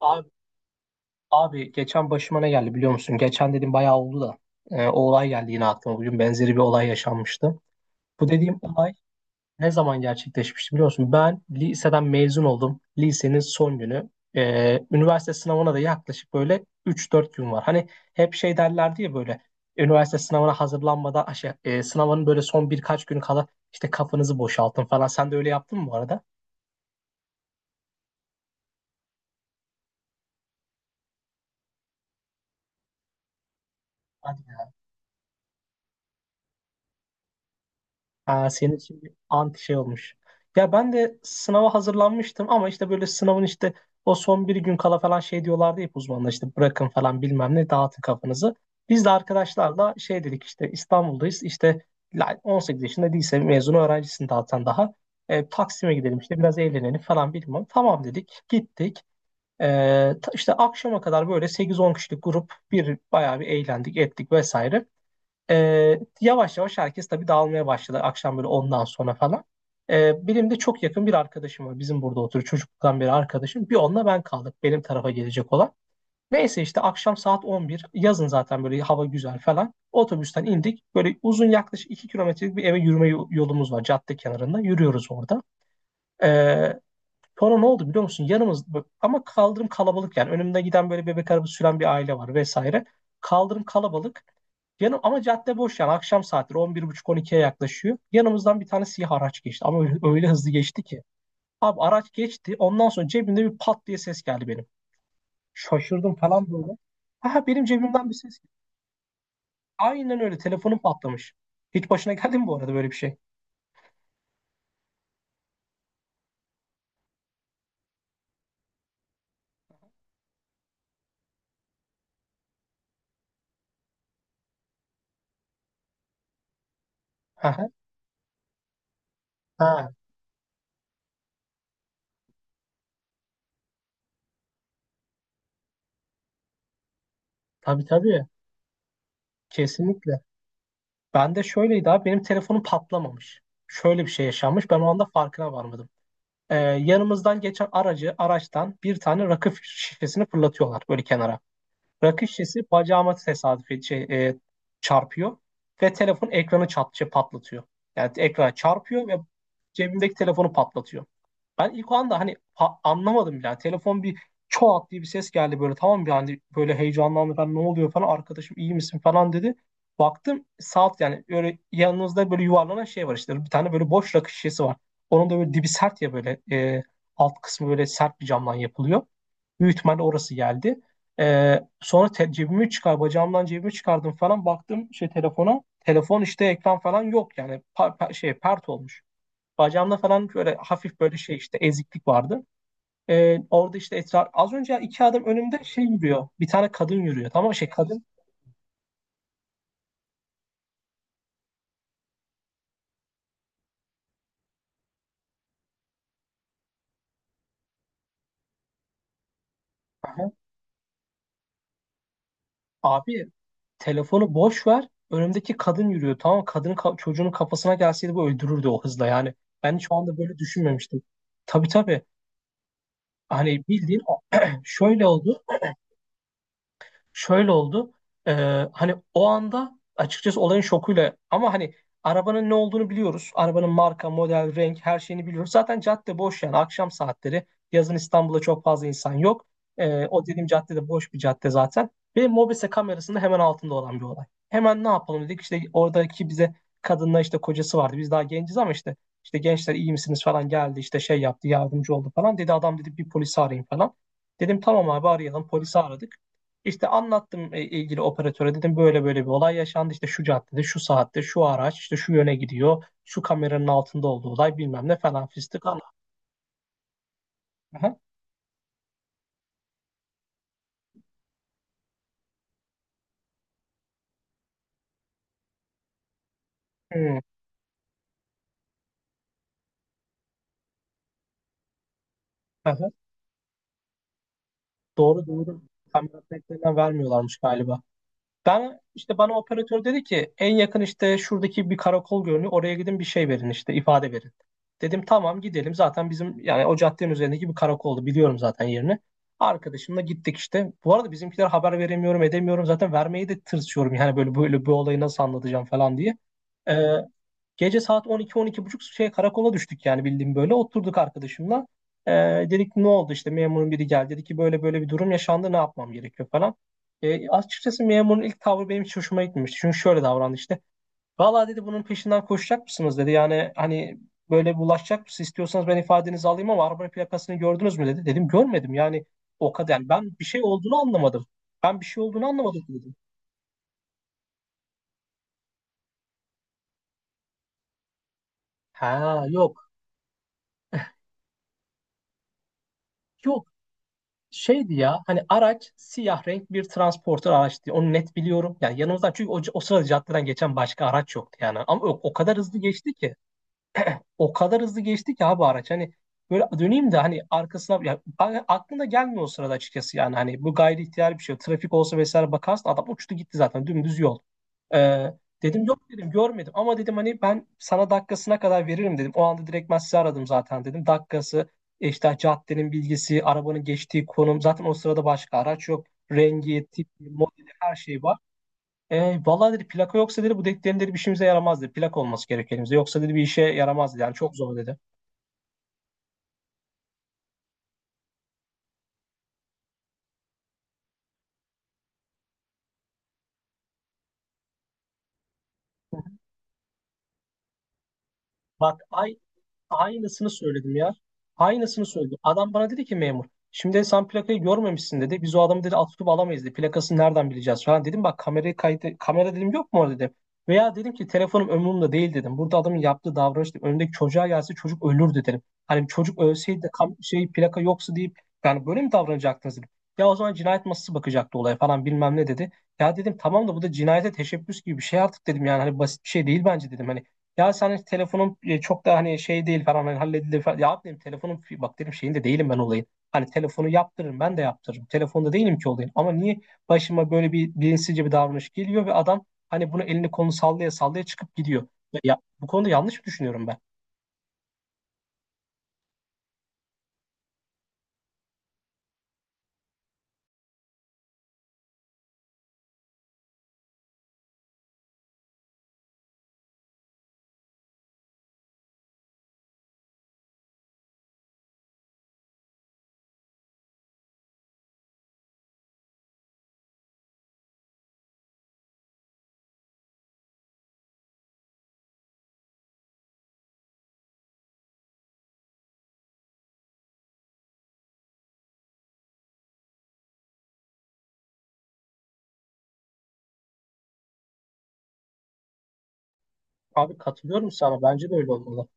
Abi, abi, geçen başıma ne geldi biliyor musun? Geçen dedim bayağı oldu da o olay geldi yine aklıma. Bugün benzeri bir olay yaşanmıştı. Bu dediğim olay ne zaman gerçekleşmişti biliyor musun? Ben liseden mezun oldum. Lisenin son günü. Üniversite sınavına da yaklaşık böyle 3-4 gün var. Hani hep şey derlerdi ya böyle üniversite sınavına hazırlanmadan şey, sınavın böyle son birkaç günü kala işte kafanızı boşaltın falan. Sen de öyle yaptın mı bu arada? Aa, senin için bir anti şey olmuş. Ya ben de sınava hazırlanmıştım ama işte böyle sınavın işte o son bir gün kala falan şey diyorlardı hep uzmanlar işte bırakın falan bilmem ne dağıtın kafanızı. Biz de arkadaşlarla şey dedik işte İstanbul'dayız işte 18 yaşında lise mezunu öğrencisin dağıtan daha. Taksim'e gidelim işte biraz eğlenelim falan bilmem. Tamam dedik gittik. E, işte akşama kadar böyle 8-10 kişilik grup bir bayağı bir eğlendik ettik vesaire. Yavaş yavaş herkes tabii dağılmaya başladı akşam böyle ondan sonra falan. Benim de çok yakın bir arkadaşım var. Bizim burada oturuyor çocukluktan beri arkadaşım. Bir onunla ben kaldık benim tarafa gelecek olan. Neyse işte akşam saat 11, yazın zaten böyle hava güzel falan. Otobüsten indik. Böyle uzun yaklaşık 2 kilometrelik bir eve yürüme yolumuz var cadde kenarında. Yürüyoruz orada. Ee, Sonra ne oldu biliyor musun? Yanımız ama kaldırım kalabalık yani. Önümde giden böyle bebek arabası süren bir aile var vesaire. Kaldırım kalabalık. Yanım ama cadde boş, yani akşam saatleri 11.30-12'ye yaklaşıyor. Yanımızdan bir tane siyah araç geçti, ama öyle, öyle hızlı geçti ki. Abi araç geçti, ondan sonra cebimde bir pat diye ses geldi benim. Şaşırdım falan böyle. Ha, benim cebimden bir ses geldi. Aynen öyle, telefonum patlamış. Hiç başına geldi mi bu arada böyle bir şey? Ha, ha. Ha, tabii tabii, kesinlikle. Ben de şöyleydi abi, benim telefonum patlamamış. Şöyle bir şey yaşanmış, ben o anda farkına varmadım. Yanımızdan geçen aracı araçtan bir tane rakı şişesini fırlatıyorlar böyle kenara. Rakı şişesi bacağıma tesadüf şey, çarpıyor ve telefon ekranı çat, şey, patlatıyor. Yani ekrana çarpıyor ve cebimdeki telefonu patlatıyor. Ben ilk o anda hani anlamadım bile. Yani telefon bir çoğalt diye bir ses geldi böyle, tamam bir hani böyle heyecanlandı, ben ne oluyor falan, arkadaşım iyi misin falan dedi. Baktım saat, yani böyle yanınızda böyle yuvarlanan şey var, işte bir tane böyle boş rakı şişesi var. Onun da böyle dibi sert ya böyle, alt kısmı böyle sert bir camdan yapılıyor. Büyük ihtimalle orası geldi. E, sonra te- Cebimi çıkar, bacağımdan cebimi çıkardım falan, baktım şey telefona. Telefon işte ekran falan yok yani, şey pert olmuş. Bacağımda falan böyle hafif böyle şey işte eziklik vardı. Orada işte esrar az önce 2 adım önümde şey yürüyor. Bir tane kadın yürüyor. Tamam mı? Şey kadın. Aha. Abi telefonu boş ver. Önümdeki kadın yürüyor. Tamam mı? Kadının çocuğunun kafasına gelseydi bu öldürürdü o hızla yani. Ben hiç o anda böyle düşünmemiştim. Tabii tabii. Hani bildiğin şöyle oldu. Şöyle oldu. Ee, Hani o anda açıkçası olayın şokuyla, ama hani arabanın ne olduğunu biliyoruz. Arabanın marka, model, renk her şeyini biliyoruz. Zaten cadde boş yani, akşam saatleri. Yazın İstanbul'da çok fazla insan yok. O dediğim caddede boş bir cadde zaten. Ve Mobese kamerasının hemen altında olan bir olay. Hemen ne yapalım dedik. İşte oradaki bize kadınla işte kocası vardı. Biz daha genciz ama işte gençler iyi misiniz falan geldi. İşte şey yaptı, yardımcı oldu falan. Dedi adam dedi bir polisi arayın falan. Dedim tamam abi arayalım. Polisi aradık. İşte anlattım, ilgili operatöre dedim böyle böyle bir olay yaşandı, işte şu caddede, şu saatte, şu araç işte şu yöne gidiyor, şu kameranın altında olduğu olay, bilmem ne falan fistik anlattım. Aha. Hmm. Aha. Doğru doğru, kamera kayıtlarından vermiyorlarmış galiba. Ben işte, bana operatör dedi ki en yakın işte şuradaki bir karakol görünüyor. Oraya gidin, bir şey verin, işte ifade verin. Dedim tamam gidelim. Zaten bizim yani o caddenin üzerindeki bir karakoldu. Biliyorum zaten yerini. Arkadaşımla gittik işte. Bu arada bizimkiler haber veremiyorum edemiyorum. Zaten vermeyi de tırsıyorum. Yani böyle böyle bu olayı nasıl anlatacağım falan diye. Ee, Gece saat 12 buçuk şey karakola düştük yani bildiğim böyle. Oturduk arkadaşımla. Ee, Dedik ne oldu, işte memurun biri geldi. Dedi ki böyle böyle bir durum yaşandı, ne yapmam gerekiyor falan. Açıkçası memurun ilk tavrı benim hiç hoşuma gitmemişti. Çünkü şöyle davrandı işte. Valla dedi bunun peşinden koşacak mısınız dedi. Yani hani böyle bulaşacak mısınız, istiyorsanız ben ifadenizi alayım, ama araba plakasını gördünüz mü dedi. Dedim görmedim yani o kadar. Yani ben bir şey olduğunu anlamadım. Ben bir şey olduğunu anlamadım dedim. Ha yok. Yok şeydi ya hani, araç siyah renk bir transporter araçtı. Onu net biliyorum. Yani yanımızdan çünkü, o sırada caddeden geçen başka araç yoktu yani. Ama o kadar hızlı geçti ki. O kadar hızlı geçti ki abi araç. Hani böyle döneyim de hani arkasına ya, aklına gelmiyor o sırada açıkçası yani. Hani bu gayri ihtiyar bir şey. Trafik olsa vesaire bakarsın adam uçtu gitti zaten dümdüz yol. Ee, Dedim yok dedim, görmedim ama dedim, hani ben sana dakikasına kadar veririm dedim. O anda direkt ben sizi aradım zaten dedim. Dakikası, işte caddenin bilgisi, arabanın geçtiği konum, zaten o sırada başka araç yok. Rengi, tipi, modeli, her şey var. Vallahi dedi plaka yoksa dedi bu dediklerin dedi bir işimize yaramaz dedi. Plak olması gerek elimizde. Yoksa dedi bir işe yaramaz dedi. Yani çok zor dedi. Bak ay, aynısını söyledim ya. Aynısını söyledim. Adam bana dedi ki memur. Şimdi sen plakayı görmemişsin dedi. Biz o adamı dedi alt tutup alamayız dedi. Plakasını nereden bileceğiz falan dedim. Bak kamerayı kaydı. Kamera dedim yok mu orada dedim. Veya dedim ki telefonum ömrümde değil dedim. Burada adamın yaptığı davranış dedim, önündeki çocuğa gelse çocuk ölürdü dedim. Hani çocuk ölseydi de şey plaka yoksa deyip, yani böyle mi davranacaktınız dedim. Ya o zaman cinayet masası bakacaktı olaya falan bilmem ne dedi. Ya dedim tamam da bu da cinayete teşebbüs gibi bir şey artık dedim, yani hani basit bir şey değil bence dedim. Hani ya sen telefonun çok da hani şey değil falan, hani halledilir falan. Ya abi dedim telefonun bak dedim şeyinde değilim ben olayın. Hani telefonu yaptırırım, ben de yaptırırım. Telefonda değilim ki olayın. Ama niye başıma böyle bir bilinçsizce bir davranış geliyor ve adam hani bunu elini kolunu sallaya sallaya çıkıp gidiyor. Ya, bu konuda yanlış mı düşünüyorum ben? Abi katılıyorum sana. Bence de öyle olmalı.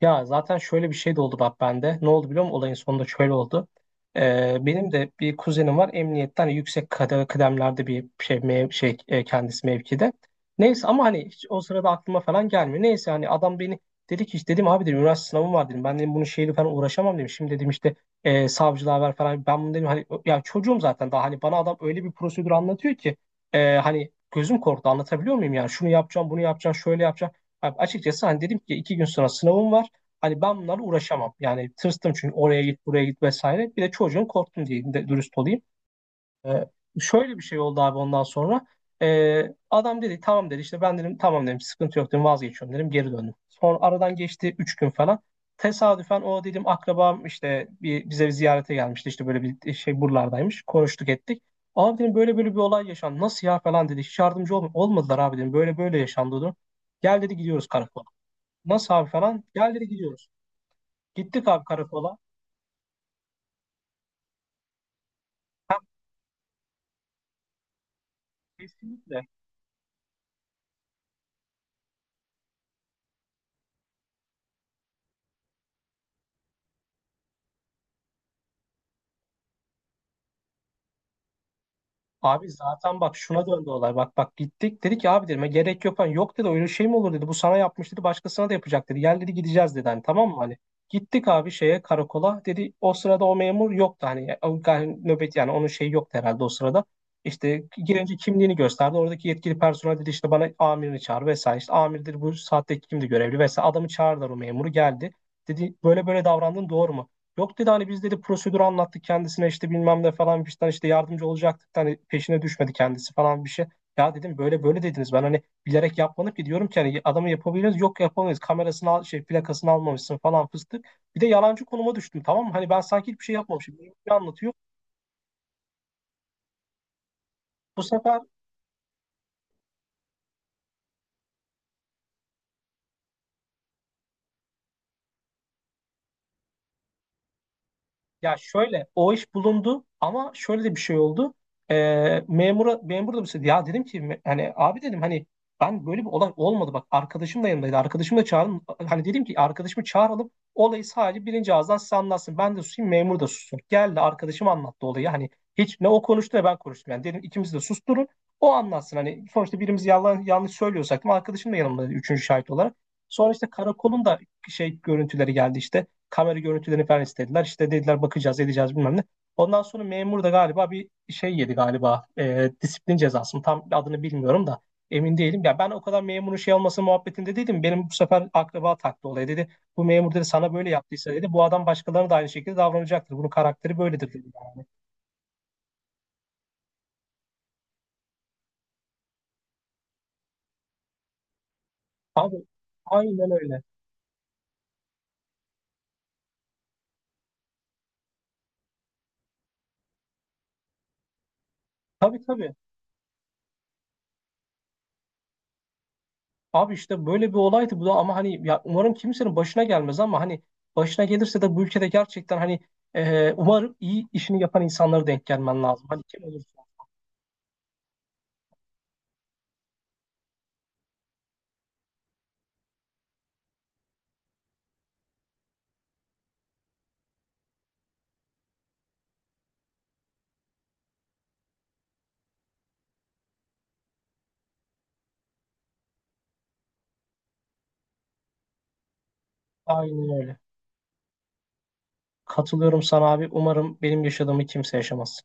Ya zaten şöyle bir şey de oldu bak bende. Ne oldu biliyor musun? Olayın sonunda şöyle oldu. Benim de bir kuzenim var. Emniyetten hani yüksek kıdemlerde bir şey, kendisi mevkide. Neyse ama hani hiç o sırada aklıma falan gelmiyor. Neyse hani adam beni dedi ki işte, dedim abi dedim üniversite sınavım var dedim. Ben dedim bunun şeyle falan uğraşamam dedim. Şimdi dedim işte savcılığa ver falan. Ben bunu dedim hani ya çocuğum zaten daha, hani bana adam öyle bir prosedür anlatıyor ki hani gözüm korktu, anlatabiliyor muyum, yani şunu yapacağım bunu yapacağım şöyle yapacağım. Abi açıkçası hani dedim ki 2 gün sonra sınavım var. Hani ben bunlarla uğraşamam. Yani tırstım çünkü oraya git buraya git vesaire. Bir de çocuğun korktum diye de dürüst olayım. Ee, Şöyle bir şey oldu abi ondan sonra. Ee, Adam dedi tamam dedi, işte ben dedim tamam dedim sıkıntı yok dedim vazgeçiyorum dedim, geri döndüm. Sonra aradan geçti 3 gün falan. Tesadüfen o dedim akrabam işte bize bir ziyarete gelmişti, işte böyle bir şey buralardaymış, konuştuk ettik. Abi dedim böyle böyle bir olay yaşandı nasıl ya falan, dedi hiç yardımcı olmadılar abi dedim, böyle böyle yaşandı dedim. Gel dedi gidiyoruz karakola. Nasıl abi falan, gel dedi gidiyoruz. Gittik abi karakola. Kesinlikle. Abi zaten bak şuna döndü olay. Bak bak gittik. Dedi ki abi, dedim gerek yok. Hani, yok dedi öyle şey mi olur dedi. Bu sana yapmış dedi. Başkasına da yapacak dedi. Gel dedi gideceğiz dedi. Hani tamam mı hani. Gittik abi şeye karakola. Dedi o sırada o memur yoktu. Hani, yani nöbet yani onun şeyi yoktu herhalde o sırada. İşte girince kimliğini gösterdi. Oradaki yetkili personel dedi işte bana amirini çağır vesaire. İşte amirdir bu saatte kimdi görevli vesaire. Adamı çağırdılar, o memuru geldi. Dedi böyle böyle davrandın doğru mu? Yok dedi hani biz dedi prosedürü anlattık kendisine, işte bilmem ne falan bir şeyden işte yardımcı olacaktık, hani peşine düşmedi kendisi falan bir şey. Ya dedim böyle böyle dediniz, ben hani bilerek yapmadık ki, diyorum ki hani adamı yapabiliriz yok yapamayız, kamerasını al, şey plakasını almamışsın falan fıstık. Bir de yalancı konuma düştüm, tamam mı? Hani ben sanki hiçbir şey yapmamışım. Bir şey anlatıyor. Bu sefer ya şöyle o iş bulundu ama şöyle de bir şey oldu. Memur da bir şey, ya dedim ki hani abi dedim hani ben böyle bir olay olmadı bak, arkadaşım da yanındaydı. Arkadaşımı da çağırın, hani dedim ki arkadaşımı çağıralım, olayı sadece birinci ağızdan size anlatsın. Ben de susayım, memur da sussun. Geldi arkadaşım anlattı olayı, hani hiç ne o konuştu ne ben konuştum, yani dedim ikimiz de susturun, o anlatsın, hani sonuçta birimiz yalan yanlış söylüyorsak da arkadaşım da yanımda üçüncü şahit olarak. Sonra işte karakolun da şey görüntüleri geldi, işte kamera görüntülerini falan istediler. İşte dediler bakacağız edeceğiz bilmem ne. Ondan sonra memur da galiba bir şey yedi galiba, disiplin cezası mı, tam adını bilmiyorum da emin değilim. Ya ben o kadar memurun şey olması muhabbetinde değilim. Benim bu sefer akraba taktı olaya dedi. Bu memur dedi sana böyle yaptıysa dedi, bu adam başkalarına da aynı şekilde davranacaktır. Bunun karakteri böyledir dedi yani. Abi aynen öyle. Tabii tabii. Abi işte böyle bir olaydı bu da, ama hani ya umarım kimsenin başına gelmez, ama hani başına gelirse de bu ülkede gerçekten hani umarım iyi işini yapan insanlara denk gelmen lazım. Hani kim olursa. Aynen öyle. Katılıyorum sana abi. Umarım benim yaşadığımı kimse yaşamaz.